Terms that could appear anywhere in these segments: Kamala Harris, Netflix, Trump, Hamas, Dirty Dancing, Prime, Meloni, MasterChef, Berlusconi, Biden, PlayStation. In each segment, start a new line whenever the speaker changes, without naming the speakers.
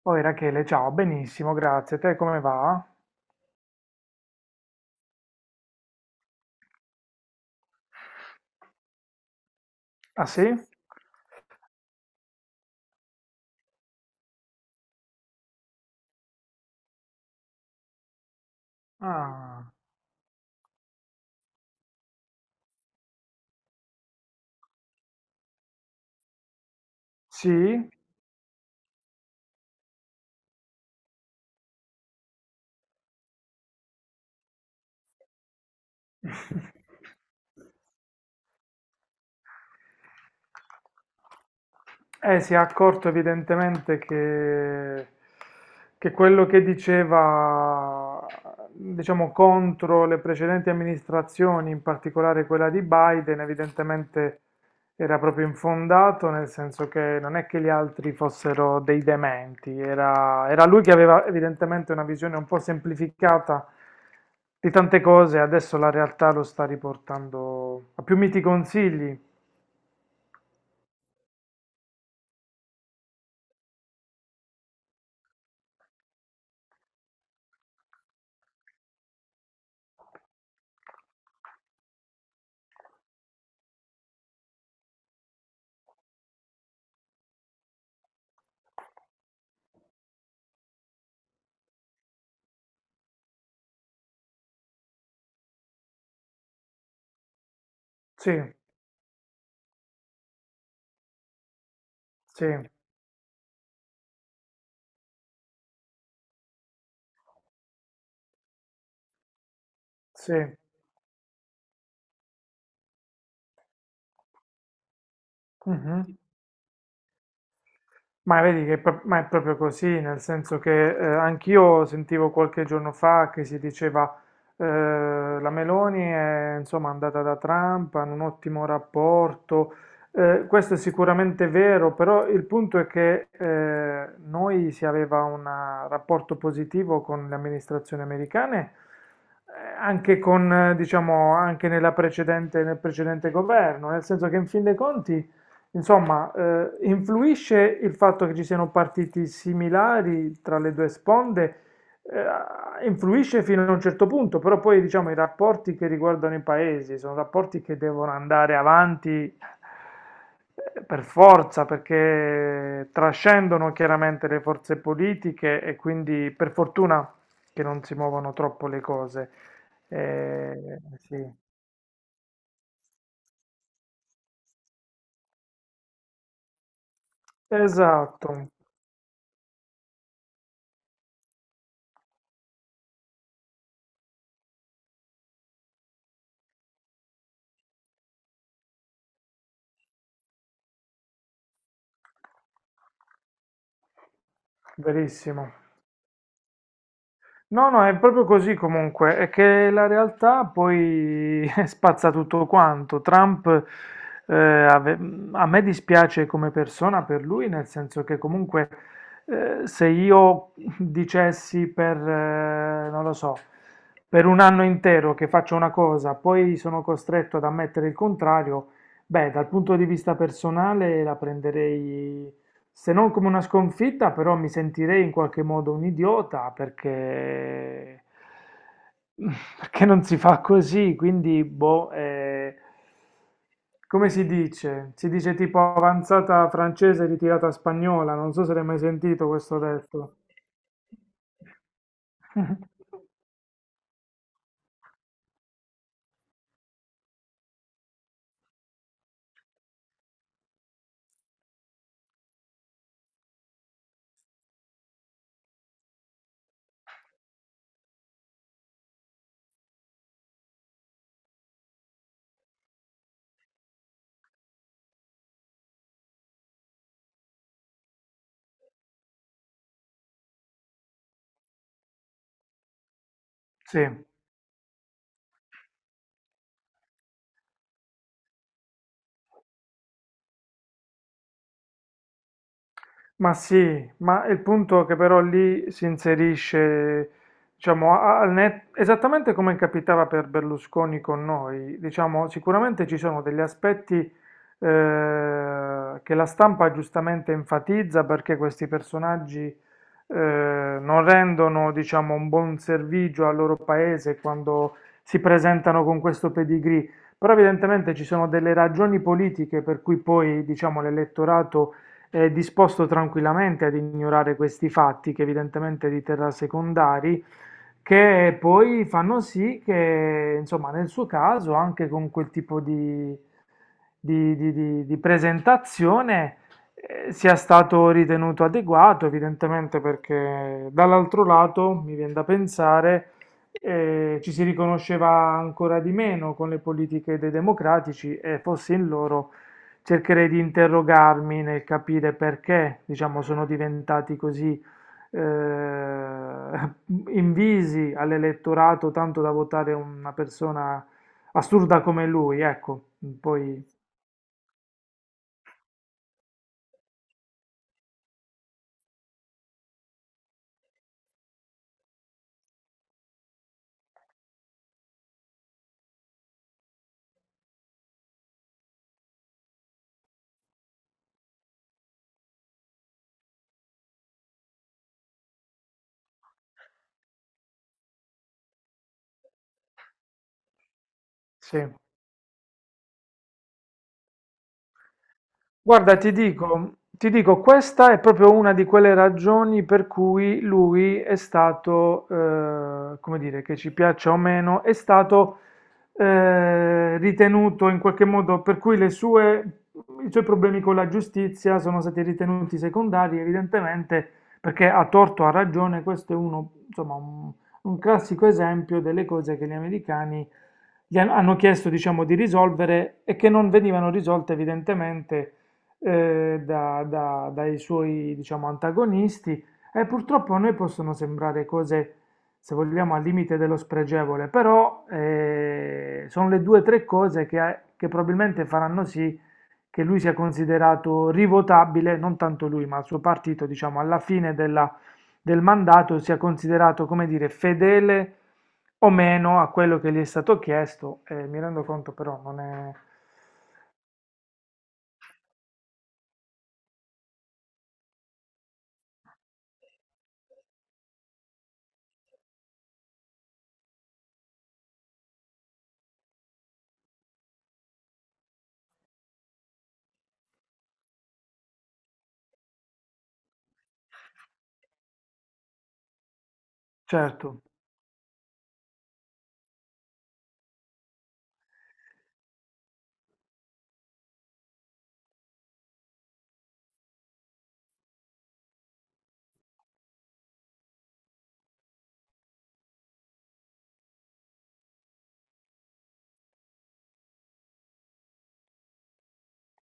Poi Rachele, ciao, benissimo, grazie. Te come va? Ah sì? Ah, sì? Si è accorto evidentemente che quello che diceva, diciamo, contro le precedenti amministrazioni, in particolare quella di Biden, evidentemente era proprio infondato, nel senso che non è che gli altri fossero dei dementi, era lui che aveva evidentemente una visione un po' semplificata di tante cose, adesso la realtà lo sta riportando a più miti consigli. Sì, sì, sì. Mhm. Ma vedi che è pro- ma è proprio così, nel senso che anch'io sentivo qualche giorno fa che si diceva eh, la Meloni è insomma andata da Trump, hanno un ottimo rapporto. Questo è sicuramente vero, però il punto è che noi si aveva un rapporto positivo con le amministrazioni americane, anche con, diciamo, anche nella precedente, nel precedente governo, nel senso che in fin dei conti. Insomma, influisce il fatto che ci siano partiti similari tra le due sponde, influisce fino a un certo punto, però poi diciamo i rapporti che riguardano i paesi sono rapporti che devono andare avanti per forza, perché trascendono chiaramente le forze politiche e quindi per fortuna che non si muovono troppo le cose. Sì. Esatto, verissimo. No, no, è proprio così comunque, è che la realtà poi spazza tutto quanto. Eh, ave- A me dispiace come persona per lui, nel senso che comunque se io dicessi per, non lo so, per un anno intero che faccio una cosa, poi sono costretto ad ammettere il contrario, beh, dal punto di vista personale la prenderei se non come una sconfitta, però mi sentirei in qualche modo un idiota perché, perché non si fa così, quindi boh, come si dice? Si dice tipo avanzata francese ritirata spagnola, non so se l'hai mai sentito questo detto. Sì. Ma sì, ma il punto è che però lì si inserisce, diciamo, esattamente come capitava per Berlusconi con noi, diciamo, sicuramente ci sono degli aspetti che la stampa giustamente enfatizza perché questi personaggi non rendono, diciamo, un buon servizio al loro paese quando si presentano con questo pedigree, però evidentemente ci sono delle ragioni politiche per cui poi, diciamo, l'elettorato è disposto tranquillamente ad ignorare questi fatti, che evidentemente di terra secondari, che poi fanno sì che, insomma, nel suo caso, anche con quel tipo di di presentazione sia stato ritenuto adeguato, evidentemente perché dall'altro lato mi viene da pensare ci si riconosceva ancora di meno con le politiche dei democratici e fossi in loro cercherei di interrogarmi nel capire perché, diciamo, sono diventati così eh, invisi all'elettorato tanto da votare una persona assurda come lui, ecco, poi sì. Guarda, ti dico, questa è proprio una di quelle ragioni per cui lui è stato, come dire, che ci piaccia o meno, è stato ritenuto in qualche modo, per cui le sue, i suoi problemi con la giustizia sono stati ritenuti secondari, evidentemente, perché a torto o a ragione, questo è uno, insomma, un classico esempio delle cose che gli americani hanno chiesto, diciamo, di risolvere e che non venivano risolte evidentemente dai suoi, diciamo, antagonisti e purtroppo a noi possono sembrare cose, se vogliamo, al limite dello spregevole, però sono le due o tre cose che probabilmente faranno sì che lui sia considerato rivotabile, non tanto lui, ma il suo partito, diciamo, del mandato sia considerato, come dire, fedele o meno a quello che gli è stato chiesto. Mi rendo conto però non è certo.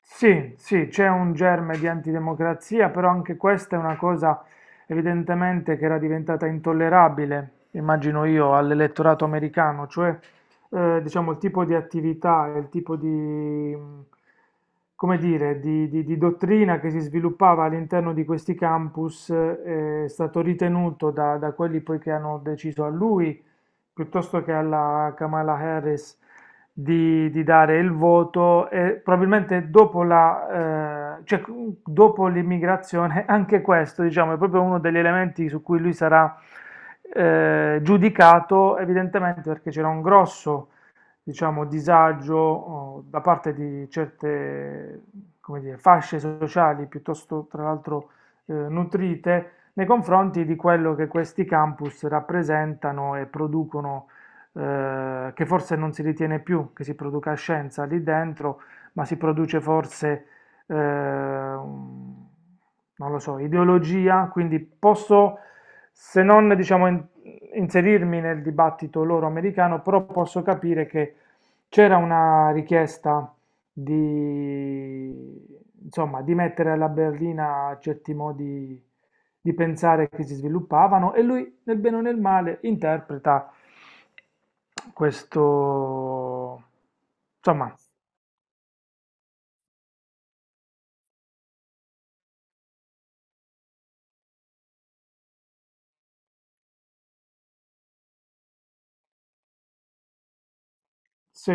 Sì, sì, c'è un germe di antidemocrazia, però anche questa è una cosa evidentemente che era diventata intollerabile, immagino io, all'elettorato americano, cioè diciamo il tipo di attività, e il tipo di, come dire, di, di dottrina che si sviluppava all'interno di questi campus è stato ritenuto da, da quelli poi che hanno deciso a lui piuttosto che alla Kamala Harris di dare il voto e probabilmente dopo la, cioè, dopo l'immigrazione, anche questo, diciamo, è proprio uno degli elementi su cui lui sarà giudicato, evidentemente perché c'era un grosso diciamo, disagio oh, da parte di certe, come dire, fasce sociali piuttosto, tra l'altro, nutrite nei confronti di quello che questi campus rappresentano e producono, che forse non si ritiene più che si produca scienza lì dentro, ma si produce forse, non lo so, ideologia, quindi posso se non diciamo inserirmi nel dibattito loro americano, però posso capire che c'era una richiesta di, insomma, di mettere alla berlina certi modi di pensare che si sviluppavano e lui, nel bene o nel male, interpreta questo, insomma, sì.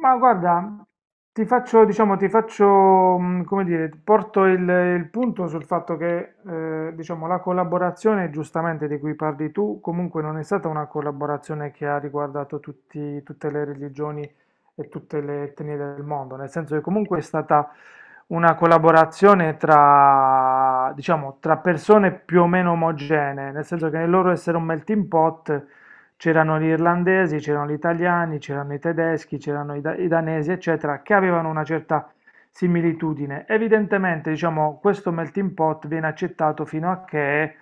Ma guarda, ti faccio, diciamo, ti faccio, come dire, ti porto il punto sul fatto che, diciamo, la collaborazione, giustamente, di cui parli tu, comunque non è stata una collaborazione che ha riguardato tutte le religioni e tutte le etnie del mondo, nel senso che comunque è stata una collaborazione tra, diciamo, tra persone più o meno omogenee, nel senso che nel loro essere un melting pot c'erano gli irlandesi, c'erano gli italiani, c'erano i tedeschi, c'erano i danesi, eccetera, che avevano una certa similitudine. Evidentemente, diciamo, questo melting pot viene accettato fino a che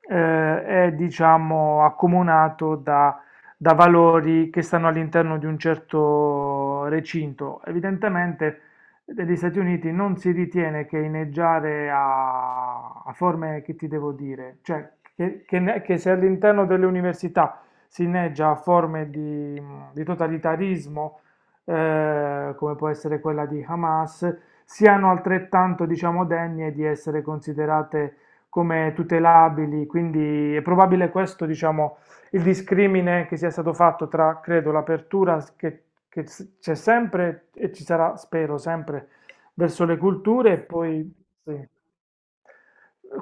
è, diciamo, accomunato da, da valori che stanno all'interno di un certo recinto. Evidentemente, negli Stati Uniti non si ritiene che inneggiare a, a forme che ti devo dire, cioè che, che se all'interno delle università si inneggia a forme di totalitarismo, come può essere quella di Hamas, siano altrettanto, diciamo, degne di essere considerate come tutelabili. Quindi è probabile questo, diciamo, il discrimine che sia stato fatto tra, credo, l'apertura che, c'è sempre e ci sarà, spero, sempre verso le culture e poi... Sì.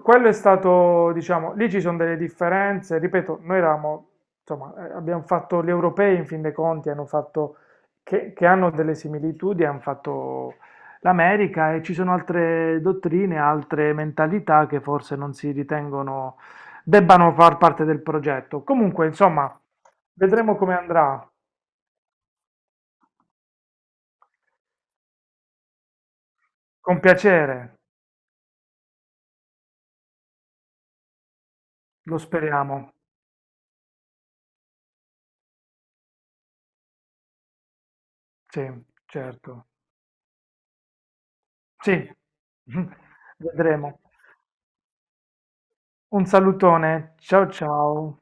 Quello è stato, diciamo, lì ci sono delle differenze, ripeto, noi eravamo, insomma, abbiamo fatto gli europei in fin dei conti, hanno fatto, che hanno delle similitudini, hanno fatto l'America e ci sono altre dottrine, altre mentalità che forse non si ritengono debbano far parte del progetto. Comunque, insomma, vedremo come andrà, con piacere, lo speriamo, sì, certo, sì, vedremo. Un salutone, ciao ciao.